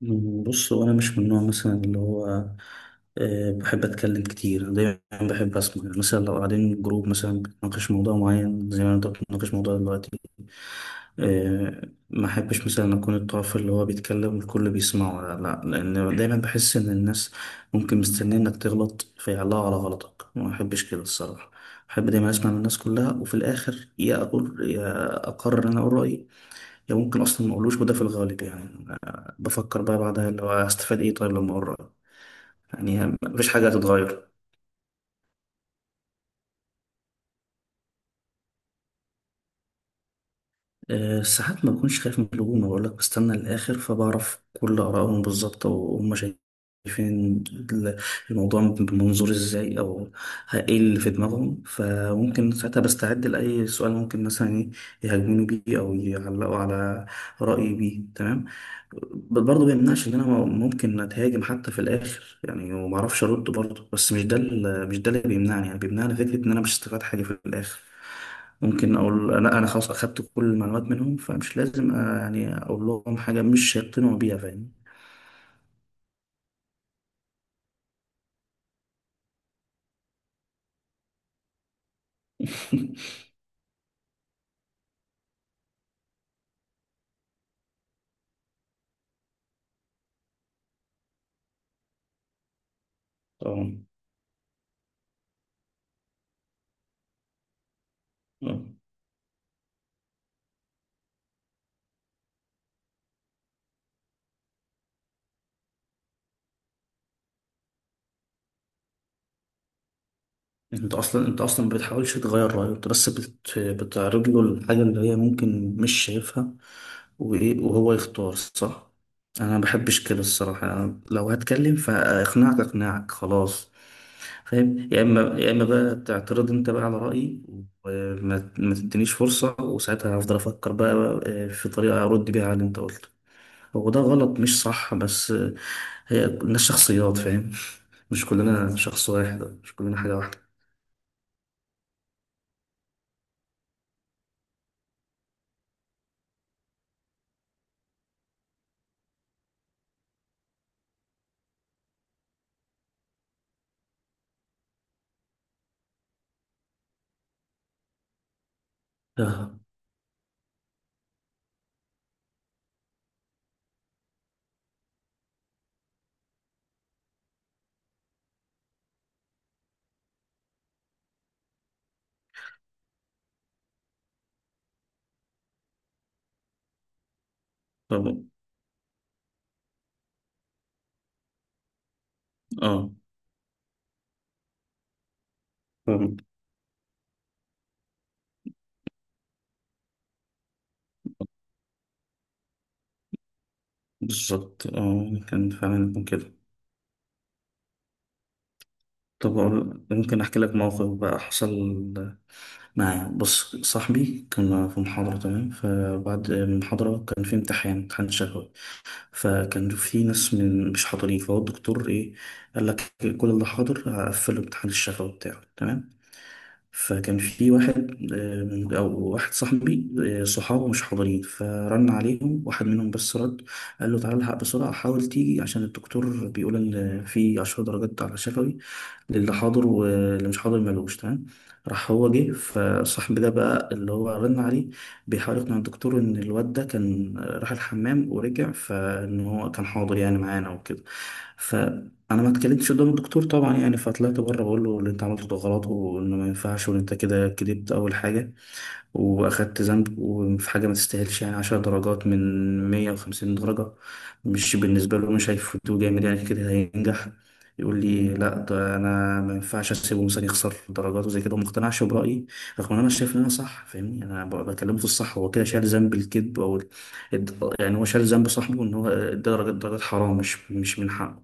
بص هو انا مش من النوع مثلا اللي هو بحب اتكلم كتير. أنا دايما بحب اسمع، يعني مثلا لو قاعدين جروب مثلا بنناقش موضوع معين زي ما انت بتناقش موضوع دلوقتي. آه، ما احبش مثلا اكون الطرف اللي هو بيتكلم والكل بيسمعه، لا، لان دايما بحس ان الناس ممكن مستنيه انك تغلط فيعلقوا على غلطك، ما احبش كده الصراحه. احب دايما اسمع من الناس كلها، وفي الاخر يا اقول يا اقرر إن انا اقول رايي. ده ممكن اصلا ما اقولوش، وده في الغالب، يعني بفكر بقى بعدها اللي هو هستفاد ايه، طيب لما اقرا يعني مفيش حاجه هتتغير. أه، ساعات ما بكونش خايف من الهجوم، بقول لك بستنى الاخر فبعرف كل ارائهم بالظبط وهم شايفين الموضوع بمنظور ازاي، او ايه اللي في دماغهم، فممكن ساعتها بستعد لاي سؤال ممكن مثلا ايه يهاجموني بيه او يعلقوا على رايي بيه، تمام. برضه بيمنعش ان انا ممكن اتهاجم حتى في الاخر يعني، وما اعرفش ارد برضه، بس مش ده اللي بيمنعني، يعني بيمنعني فكره ان انا مش استفاد حاجه في الاخر. ممكن اقول لا، انا خلاص اخدت كل المعلومات منهم، فمش لازم يعني اقول لهم حاجه مش هيقتنعوا بيها، فاهم. طبعا. انت اصلا ما بتحاولش تغير رايه، انت بس بتعرض له الحاجه اللي هي ممكن مش شايفها، وايه وهو يختار، صح. انا ما بحبش كده الصراحه، أنا لو هتكلم فاقنعك اقنعك خلاص، فاهم، يا اما يا اما بقى تعترض انت بقى على رايي، وما ما تدينيش فرصه، وساعتها هفضل افكر بقى في طريقه ارد بيها على اللي انت قلته. هو ده غلط مش صح، بس هي الناس شخصيات، فاهم، مش كلنا شخص واحد، مش كلنا حاجه واحده. ده طب اه. فاهم. بالظبط، اه، كان فعلا يكون كده. طب ممكن احكي لك موقف بقى حصل مع، بص، صاحبي كنا في محاضرة، تمام، فبعد المحاضرة كان في امتحان شفوي، فكان في ناس مش حاضرين، فهو الدكتور ايه قال لك كل اللي حاضر هقفل الامتحان الشفوي بتاعه، تمام. فكان في واحد، او واحد صاحبي صحابه مش حاضرين، فرن عليهم واحد منهم بس رد، قال له تعالى الحق بسرعه، حاول تيجي عشان الدكتور بيقول ان في 10 درجات على شفوي للي حاضر، واللي مش حاضر ملوش، تمام. راح هو جه، فالصاحب ده بقى اللي هو رن عليه بيحاول يقنع الدكتور ان الواد ده كان راح الحمام ورجع، فان هو كان حاضر يعني معانا وكده. فانا ما اتكلمتش قدام الدكتور طبعا يعني، فطلعت بره بقول له اللي انت عملته ده غلط، وانه ما ينفعش، وان انت كده كدبت، اول حاجه واخدت ذنب، وفي حاجه ما تستاهلش، يعني 10 درجات من 150 درجه، مش بالنسبه له، مش هيفوتوه جامد يعني، كده هينجح. يقول لي لا، ده انا ما ينفعش اسيبه مثلا يخسر درجات وزي كده، وما اقتنعش برايي، رغم ان انا شايف ان انا صح، فاهمني، انا بكلمه في الصح هو كده شال ذنب الكذب، او يعني هو شال ذنب صاحبه ان هو ادى درجات حرام، مش من حقه،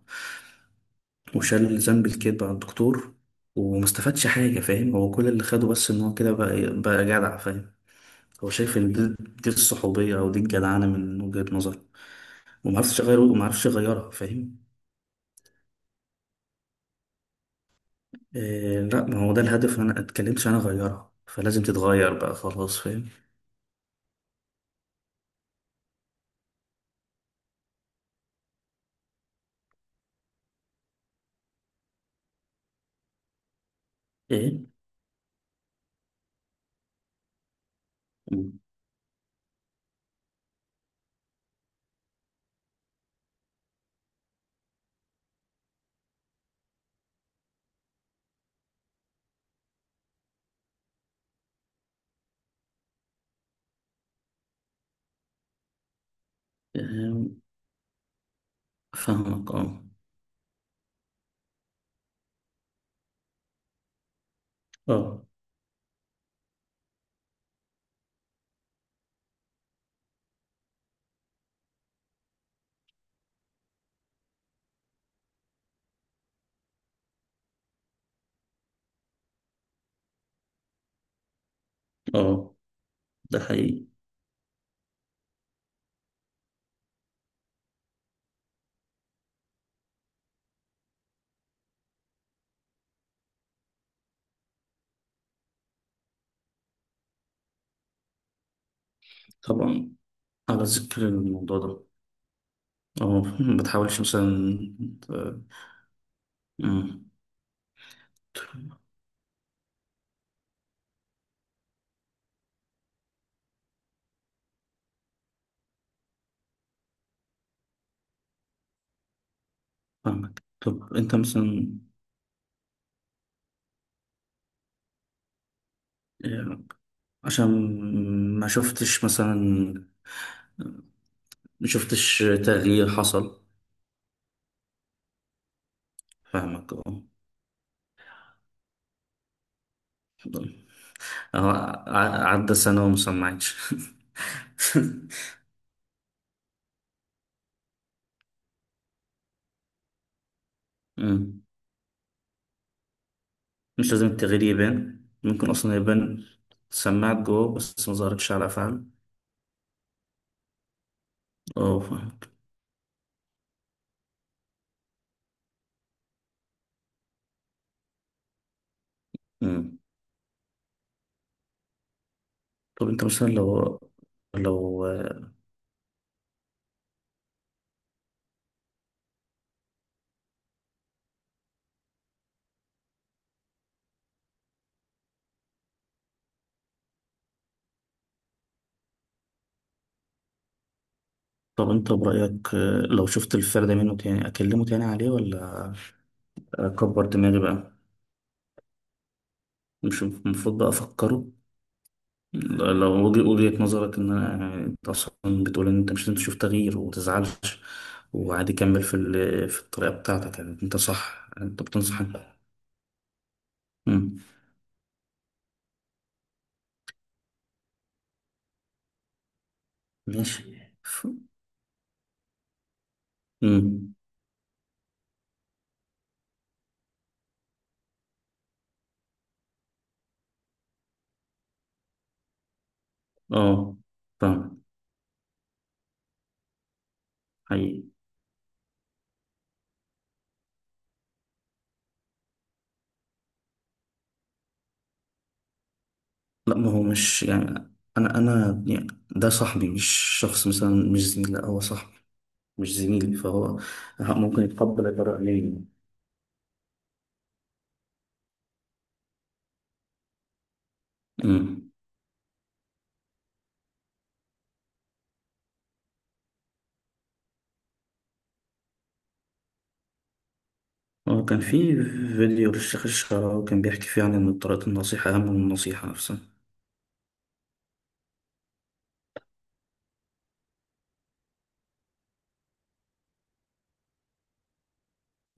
وشال ذنب الكذب على الدكتور، وما استفادش حاجه، فاهم، هو كل اللي خده بس ان هو كده بقى جدع، فاهم. هو شايف ان دي الصحوبيه، او دي الجدعنه من وجهه نظره، وما عرفش اغيره، وما عرفش اغيرها، فاهم. إيه لا، ما هو ده الهدف انا اتكلمتش، انا اغيرها، فلازم تتغير بقى خلاص، فاهم. ايه. مم. إيه، فاهمك، اه. اه، اه، ده حقيقي. طبعا. على ذكر الموضوع ده، اه، ما تحاولش مثلا ت- مم، فاهمك، طب انت مثلا. إيه، عشان ما شفتش مثلا ما شفتش تغيير حصل. فاهمك، اه. اه، عدى سنة ومثلا ما عادش. مم. مش لازم التغيير يبان، ممكن أصلا يبان سماعة جوه بس ما ظهرتش على أفعال. اه، فاهمك. مم. طب أنت مثلا لو لو طب أنت برأيك لو شفت الفرد منه تاني أكلمه تاني عليه، ولا أكبر دماغي بقى، مش المفروض بقى أفكره، لو وجهة نظرك إن أنا، يعني أنت أصلا بتقول إن أنت مش لازم تشوف تغيير ومتزعلش وعادي كمل في في الطريقة بتاعتك، يعني أنت صح أنت بتنصح. مم. ماشي. امم. اه. فاهم. حقيقي. لا، ما هو مش يعني، انا يعني ده صاحبي، مش شخص مثلا، مش زميل، لا هو صاحبي، مش زميلي، فهو ممكن يتقبل الآراء ليه. امم هو كان في فيديو للشيخ الشعراوي كان بيحكي فيه عن ان طريقة النصيحة اهم من النصيحة نفسها.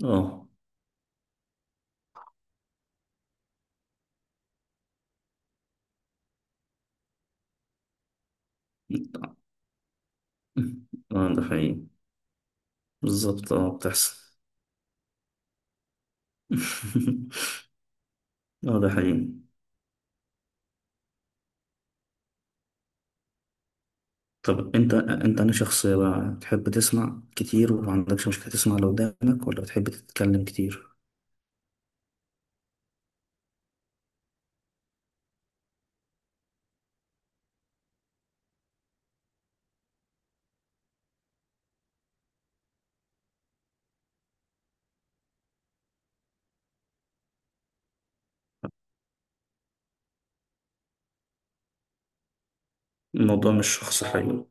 اه. اه، ده حقيقي. بالظبط، اه، بتحصل. اه، ده حقيقي. طب انت انا شخص بقى، تحب تسمع كتير وما عندكش مشكلة تسمع اللي قدامك، ولا بتحب تتكلم كتير؟ الموضوع مش شخص حي.